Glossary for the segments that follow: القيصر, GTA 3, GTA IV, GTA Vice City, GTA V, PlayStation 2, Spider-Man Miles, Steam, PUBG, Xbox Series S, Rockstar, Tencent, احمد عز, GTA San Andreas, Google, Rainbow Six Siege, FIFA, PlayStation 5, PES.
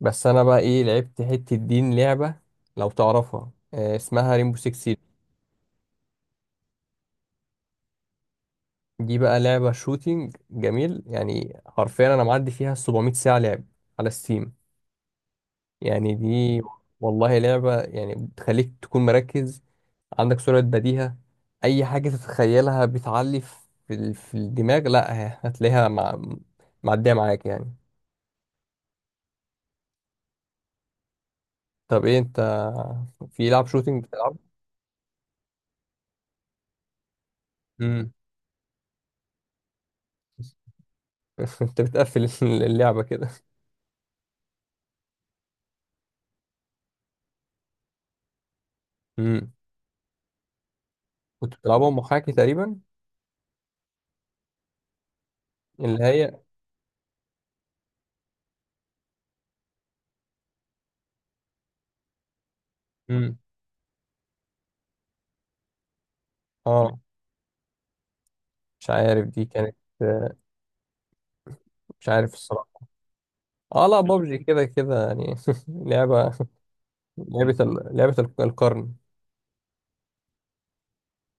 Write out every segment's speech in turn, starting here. بس انا بقى ايه لعبت حتة دين لعبة لو تعرفها، آه، اسمها ريمبو 6 سيج. دي بقى لعبة شوتينج جميل، يعني حرفيا انا معدي فيها 700 ساعة لعب على ستيم. يعني دي والله لعبة، يعني بتخليك تكون مركز، عندك سرعة بديهة، اي حاجة تتخيلها بتعلي في في الدماغ. لا هتلاقيها معدية معاك يعني. طب ايه انت، في لعب شوتينج بتلعب؟ امم انت بتقفل اللعبة كده؟ كنت بتلعبها محاكي تقريبا؟ اللي هي امم اه، مش عارف دي كانت، آه، مش عارف الصراحة. اه، لا، بابجي كده كده يعني لعبة. لعبة القرن.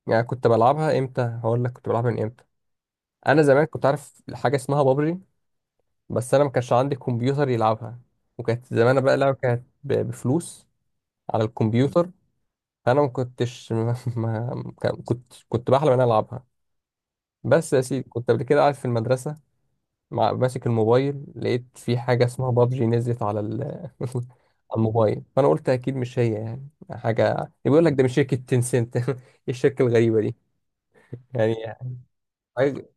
يعني كنت بلعبها امتى؟ هقول لك كنت بلعبها من امتى. انا زمان كنت عارف حاجة اسمها بابجي، بس انا ما كانش عندي كمبيوتر يلعبها، وكانت زمان بقى لعبة كانت بفلوس على الكمبيوتر. فانا ما كنتش ما... ما... كنت بحلم ان انا العبها. بس يا سيدي، كنت قبل كده قاعد في المدرسة ماسك الموبايل، لقيت في حاجة اسمها بابجي نزلت على على الموبايل. فأنا قلت أكيد مش هي، يعني حاجة بيقول لك ده من شركة تنسنت إيه الشركة الغريبة دي يعني؟ عايز-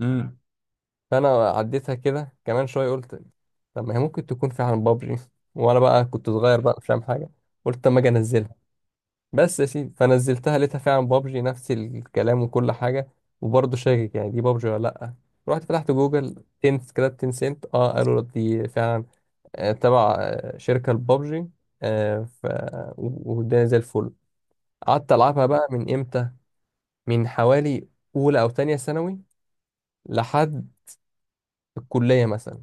امم فأنا عديتها كده كمان شوية، قلت طب ما هي ممكن تكون فعلا بابجي، وأنا بقى كنت صغير بقى مش فاهم حاجة، قلت أما أجي أنزلها. بس يا سيدي، فنزلتها لقيتها فعلا بابجي، نفس الكلام وكل حاجة. وبرضه شاكك يعني دي بابجي ولا لأ. رحت فتحت جوجل، تنس كده، تنسنت، اه قالوا دي فعلا آه، تبع آه، شركة البابجي. آه، ف والدنيا زي الفل. قعدت ألعبها بقى من إمتى؟ من حوالي أولى أو تانية ثانوي لحد الكلية مثلا.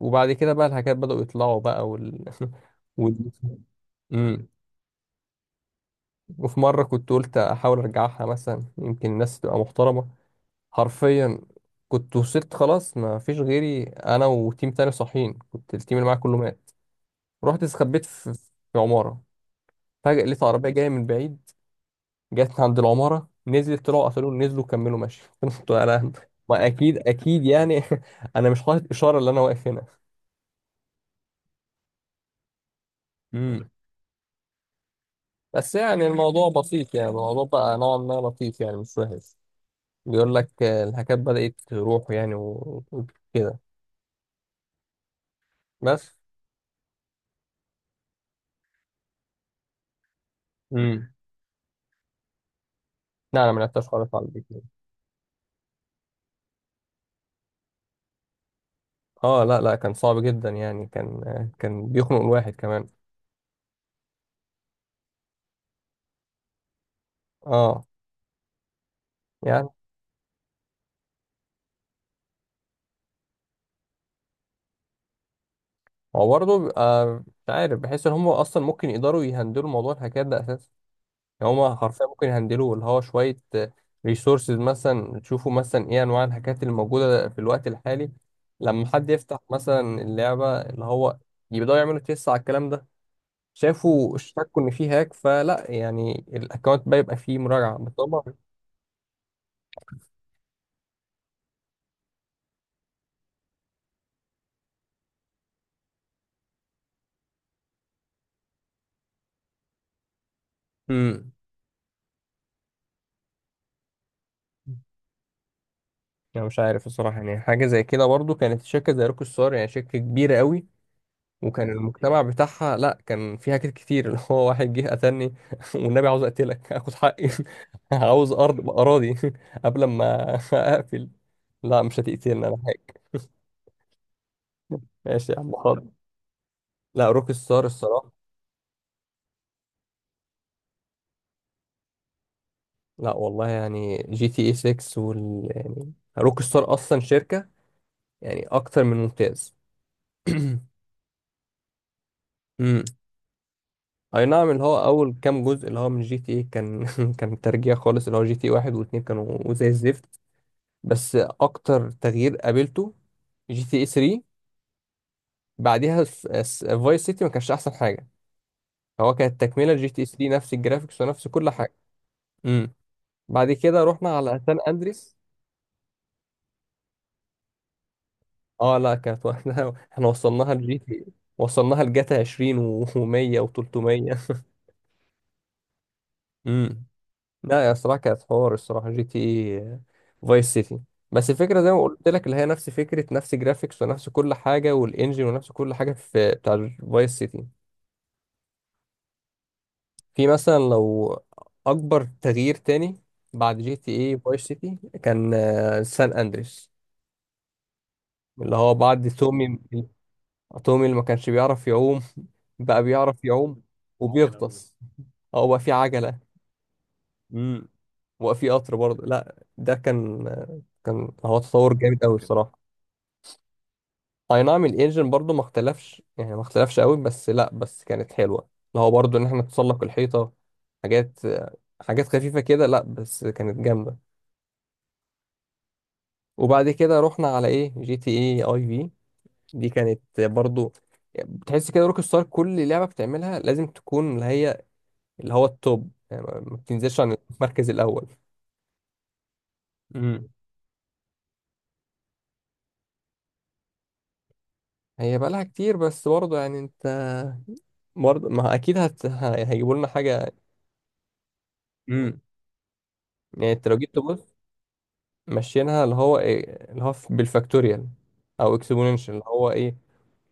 وبعد كده بقى الحاجات بدأوا يطلعوا بقى وال... مم. وفي مرة كنت قلت أحاول أرجعها، مثلا يمكن الناس تبقى محترمة. حرفيا كنت وصلت، خلاص ما فيش غيري، أنا وتيم تاني صاحيين، كنت التيم اللي معايا كله مات. رحت استخبيت في عمارة، فجأة لقيت عربية جاية من بعيد، جت عند العمارة، نزلت، طلعوا قفلوه، نزلوا كملوا ماشي قلت انا ما، اكيد اكيد يعني انا مش حاطط اشارة اللي انا واقف هنا. امم بس يعني الموضوع بسيط، يعني الموضوع بقى نوعا ما لطيف، يعني مش وحش. بيقول لك آه، الهكات بدأت تروح يعني، وكده. بس. امم. لا، انا ما لعبتهاش خالص على البيت. اه لا لا، كان صعب جدا يعني، كان بيخنق الواحد كمان. اه، يعني هو برضه بيبقى، مش عارف، بحس ان هم اصلا ممكن يقدروا يهندلوا موضوع الهكات ده. يعني هما حرفيا ممكن يهندلوا، اللي هو شوية ريسورسز مثلا، تشوفوا مثلا ايه انواع الحاجات اللي موجودة في الوقت الحالي. لما حد يفتح مثلا اللعبة، اللي هو، يبدأوا يعملوا تيست على الكلام ده. شافوا اشتكوا ان فيه هاك، فلا، يعني الاكونت بقى يبقى فيه مراجعة بالطبع. امم، انا مش عارف الصراحة، يعني حاجة زي كده برضو، كانت شركة زي روك ستار، يعني شركة كبيرة قوي، وكان المجتمع بتاعها، لا كان فيها حاجات كتير اللي هو، واحد جه قتلني والنبي عاوز اقتلك اخد حقي عاوز ارض اراضي قبل ما اقفل. لا، مش هتقتلني انا حاج. ماشي يا عم، حاضر. لا، روك ستار الصراحه، لا والله، يعني جي تي اي 6 وال، يعني روك ستار اصلا شركه يعني اكتر من ممتاز. امم، اي نعم، اللي هو اول كام جزء اللي هو من جي تي اي كان كان ترجيع خالص، اللي هو جي تي اي 1 و2 كانوا زي الزفت. بس اكتر تغيير قابلته جي تي اي 3، بعديها فايس سيتي ما كانش احسن حاجه، هو كانت تكمله جي تي اي 3، نفس الجرافيكس ونفس كل حاجه. امم، بعد كده رحنا على سان اندريس. اه لا، كانت، واحنا احنا وصلناها لجي تي وصلناها لجاتا 20 و100 و300. امم، لا يا صراحه، كانت حوار الصراحه جي تي اي فايس سيتي، بس الفكره زي ما قلت لك، اللي هي نفس فكره، نفس جرافيكس ونفس كل حاجه، والانجن ونفس كل حاجه في بتاع فايس سيتي. في مثلا لو اكبر تغيير تاني بعد جي تي اي فايس سيتي كان آه، سان اندريس، اللي هو بعد تومي، تومي اللي ما كانش بيعرف يعوم بقى بيعرف يعوم وبيغطس، هو بقى في عجلة. امم، وبقى في قطر برضه. لا ده كان هو تطور جامد قوي الصراحة. اي نعم، الانجن برضه ما اختلفش، يعني ما اختلفش قوي، بس لا، بس كانت حلوة، اللي هو برضه ان احنا نتسلق الحيطة، حاجات خفيفة كده. لا بس كانت جامدة. وبعد كده رحنا على ايه، جي تي اي اي، في دي كانت برضو بتحس كده روك ستار كل لعبه بتعملها لازم تكون اللي هي، اللي هو التوب، يعني ما بتنزلش عن المركز الاول. امم، هي بقى لها كتير، بس برضه يعني انت، برضه ما، اكيد هيجيبوا لنا حاجه. امم، يعني انت لو جيت تبص ماشيينها، اللي هو ايه، اللي هو بالفاكتوريال او اكسبوننشال اللي هو ايه،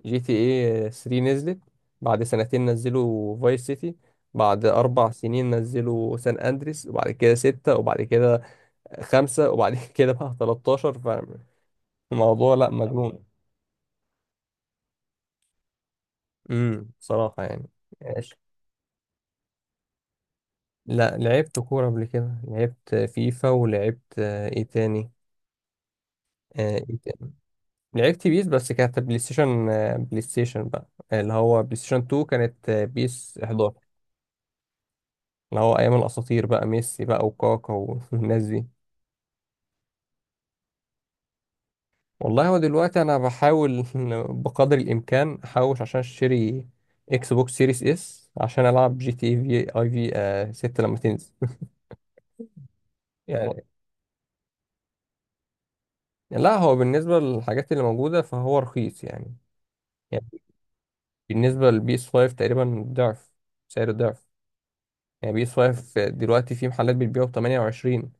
جي تي اي 3 نزلت، بعد سنتين نزلوا فايس سيتي، بعد 4 سنين نزلوا سان أندريس، وبعد كده ستة، وبعد كده خمسة، وبعد كده بقى 13. فالموضوع لأ، مجنون. امم، بصراحة يعني. ماشي، لا لعبت كورة قبل كده، لعبت فيفا، ولعبت، آه، ايه تاني، آه، ايه تاني لعبت بيس، بس كانت بلاي ستيشن، بقى اللي هو بلاي ستيشن 2، كانت، آه، بيس 11، اللي هو ايام الاساطير بقى، ميسي بقى وكاكا والناس دي. والله، هو دلوقتي انا بحاول بقدر الامكان احوش عشان اشتري اكس بوكس سيريس اس، عشان العب جي تي اي في اي في آه 6 لما تنزل. والله يعني، لا هو بالنسبه للحاجات اللي موجوده فهو رخيص يعني، يعني بالنسبه للبي اس 5 تقريبا ضعف، سعره ضعف. يعني بي اس 5 دلوقتي في محلات بتبيعه ب 28،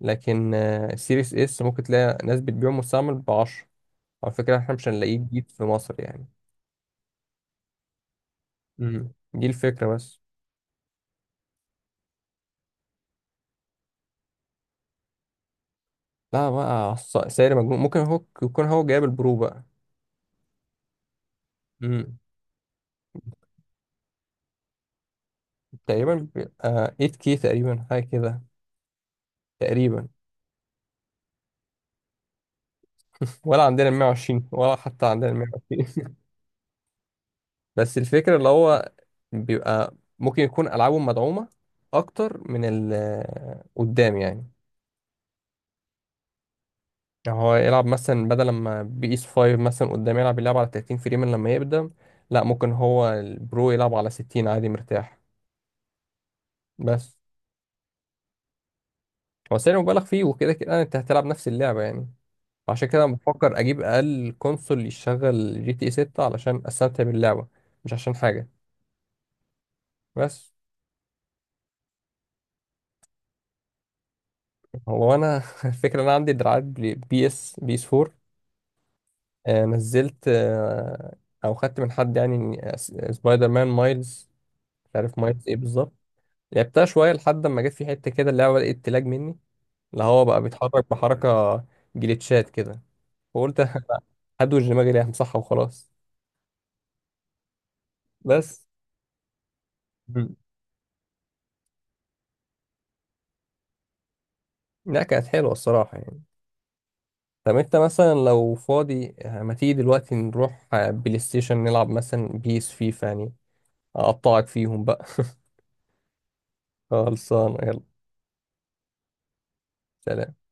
لكن آه سيريس اس ممكن تلاقي ناس بتبيعه مستعمل ب 10. على فكره احنا مش هنلاقيه جديد في مصر يعني. امم، دي الفكره بس. لا بقى، سعر مجنون، ممكن هو يكون هو جايب البرو بقى. امم، تقريبا، آه 8K كي تقريبا حاجه كده تقريبا. ولا عندنا 120، ولا حتى عندنا 120 بس الفكره اللي هو بيبقى ممكن يكون العابه مدعومه اكتر من قدام يعني. يعني هو يلعب مثلا، بدل ما بي اس 5 مثلا قدام يلعب اللعب على 30 فريم لما يقدم، لا ممكن هو البرو يلعب على 60 عادي مرتاح. بس هو سعر مبالغ فيه، وكده كده انت هتلعب نفس اللعبه يعني. عشان كده بفكر اجيب اقل كونسول يشغل جي تي اي 6 علشان استمتع باللعبه، مش عشان حاجه. بس هو انا الفكره إن انا عندي دراعات بي اس، بي اس 4، آه، نزلت، آه، او خدت من حد يعني سبايدر مان مايلز، مش عارف مايلز ايه بالظبط. لعبتها شويه، لحد ما جت في حته كده اللعبه بدات تلاج مني، اللي هو بقى بيتحرك بحركه، جليتشات كده. فقلت هدوش دماغي ليه، همسحها وخلاص. بس. مم. لا كانت حلوه الصراحه يعني. طب انت مثلا لو فاضي، ما تيجي دلوقتي نروح بلاي ستيشن نلعب مثلا بيس، فيفا يعني، اقطعك فيهم بقى خلصانه، يلا. سلام.